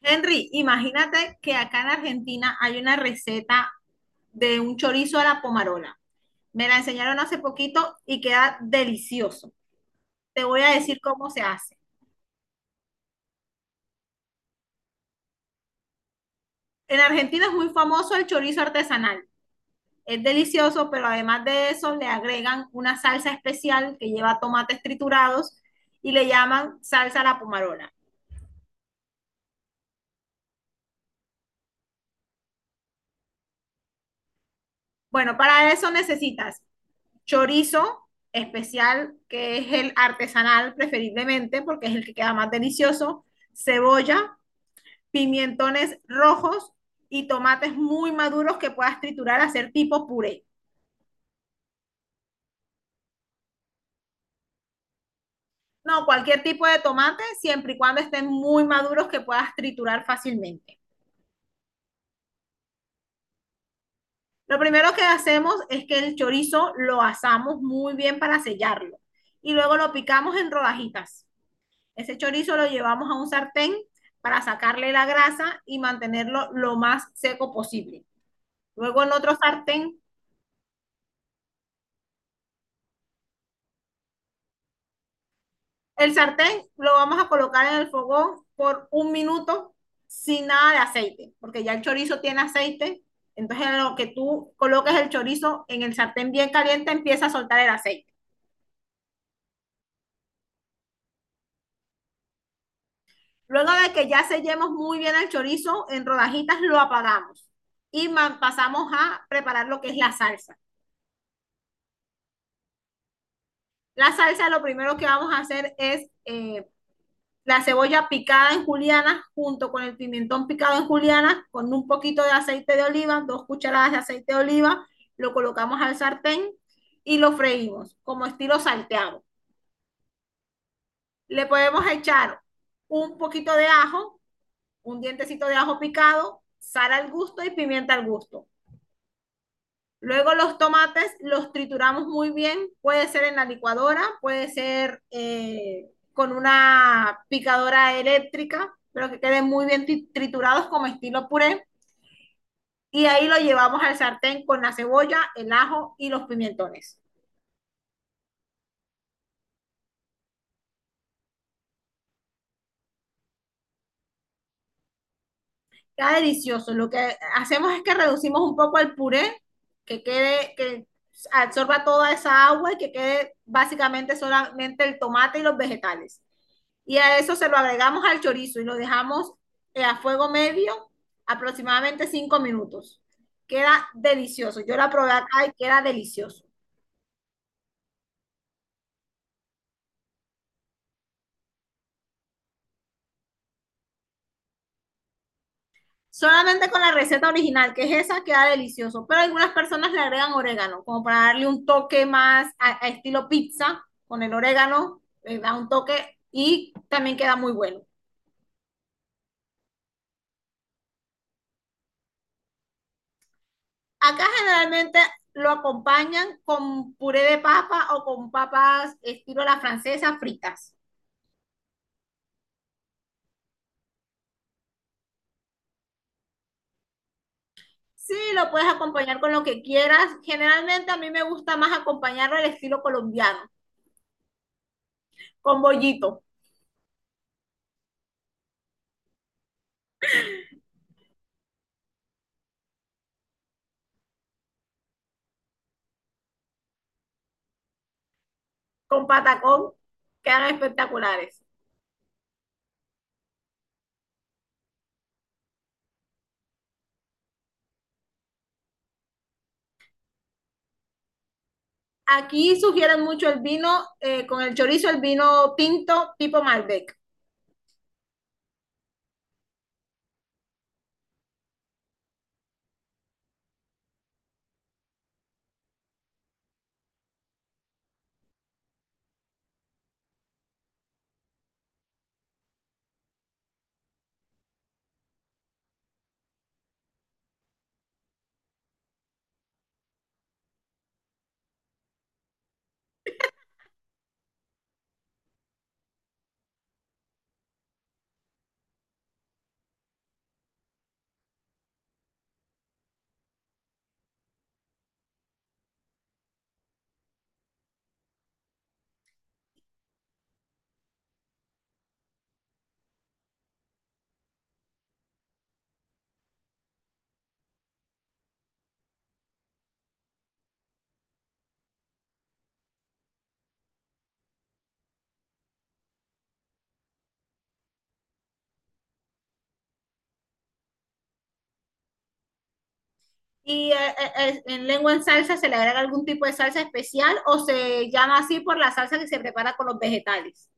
Henry, imagínate que acá en Argentina hay una receta de un chorizo a la pomarola. Me la enseñaron hace poquito y queda delicioso. Te voy a decir cómo se hace. En Argentina es muy famoso el chorizo artesanal. Es delicioso, pero además de eso le agregan una salsa especial que lleva tomates triturados y le llaman salsa a la pomarola. Bueno, para eso necesitas chorizo especial, que es el artesanal preferiblemente, porque es el que queda más delicioso, cebolla, pimentones rojos y tomates muy maduros que puedas triturar, hacer tipo puré. No, cualquier tipo de tomate, siempre y cuando estén muy maduros que puedas triturar fácilmente. Lo primero que hacemos es que el chorizo lo asamos muy bien para sellarlo y luego lo picamos en rodajitas. Ese chorizo lo llevamos a un sartén para sacarle la grasa y mantenerlo lo más seco posible. Luego en otro sartén, el sartén lo vamos a colocar en el fogón por un minuto sin nada de aceite, porque ya el chorizo tiene aceite. Entonces, en lo que tú coloques el chorizo en el sartén bien caliente, empieza a soltar el aceite. Luego de que ya sellemos muy bien el chorizo en rodajitas, lo apagamos y pasamos a preparar lo que es la salsa. La salsa lo primero que vamos a hacer es la cebolla picada en julianas junto con el pimentón picado en julianas con un poquito de aceite de oliva, 2 cucharadas de aceite de oliva, lo colocamos al sartén y lo freímos como estilo salteado. Le podemos echar un poquito de ajo, un dientecito de ajo picado, sal al gusto y pimienta al gusto. Luego los tomates los trituramos muy bien, puede ser en la licuadora, puede ser con una picadora eléctrica, pero que queden muy bien triturados como estilo puré. Y ahí lo llevamos al sartén con la cebolla, el ajo y los pimentones. Queda delicioso. Lo que hacemos es que reducimos un poco al puré, que quede, que absorba toda esa agua y que quede básicamente solamente el tomate y los vegetales. Y a eso se lo agregamos al chorizo y lo dejamos a fuego medio aproximadamente 5 minutos. Queda delicioso. Yo la probé acá y queda delicioso. Solamente con la receta original, que es esa, queda delicioso. Pero algunas personas le agregan orégano, como para darle un toque más a estilo pizza, con el orégano, le da un toque y también queda muy bueno. Acá generalmente lo acompañan con puré de papa o con papas estilo la francesa fritas. Sí, lo puedes acompañar con lo que quieras. Generalmente a mí me gusta más acompañarlo al estilo colombiano, con bollito, con patacón, quedan espectaculares. Aquí sugieren mucho el vino con el chorizo, el vino tinto tipo Malbec. Y en lengua en salsa se le agrega algún tipo de salsa especial o se llama así por la salsa que se prepara con los vegetales.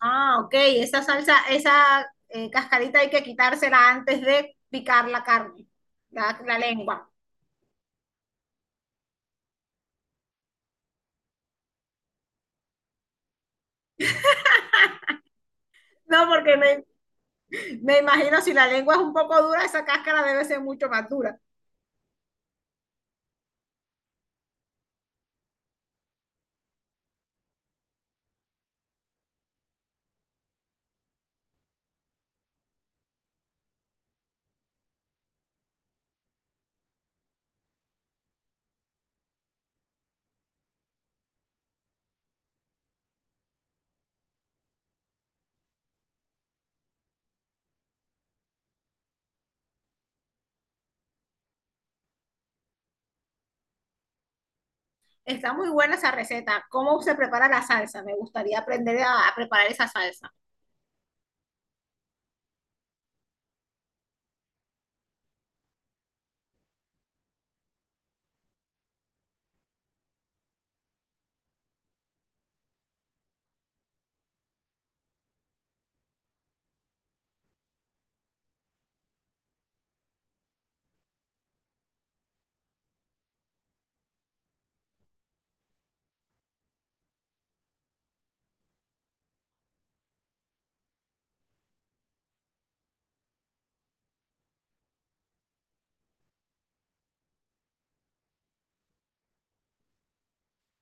Ah, ok, esa salsa, esa cascarita hay que quitársela antes de picar la carne, la lengua. No, porque me imagino si la lengua es un poco dura, esa cáscara debe ser mucho más dura. Está muy buena esa receta. ¿Cómo se prepara la salsa? Me gustaría aprender a preparar esa salsa.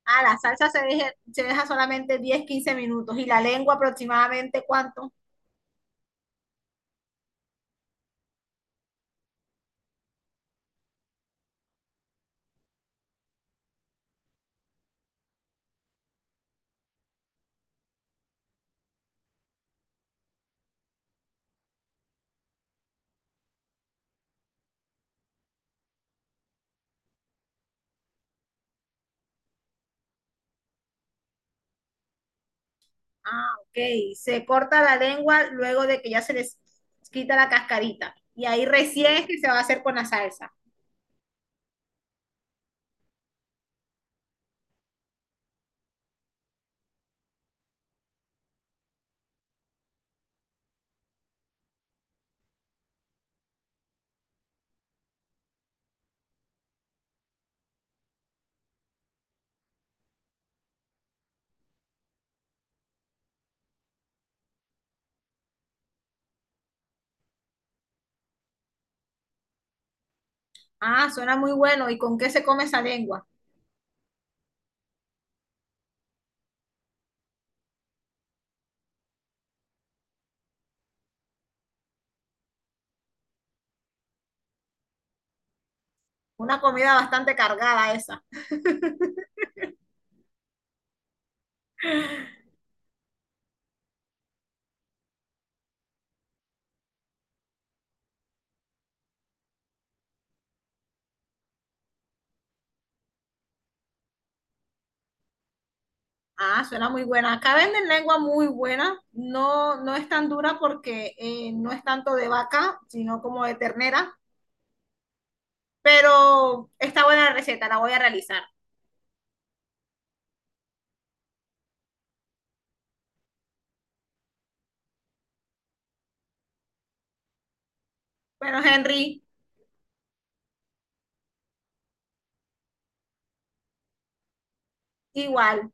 Ah, la salsa se deja solamente 10 15 minutos. ¿Y la lengua aproximadamente cuánto? Ah, ok. Se corta la lengua luego de que ya se les quita la cascarita. Y ahí recién es que se va a hacer con la salsa. Ah, suena muy bueno. ¿Y con qué se come esa lengua? Una comida bastante cargada esa. Ah, suena muy buena. Acá venden lengua muy buena. No, no es tan dura porque no es tanto de vaca, sino como de ternera. Pero está buena la receta, la voy a realizar. Bueno, Henry, igual.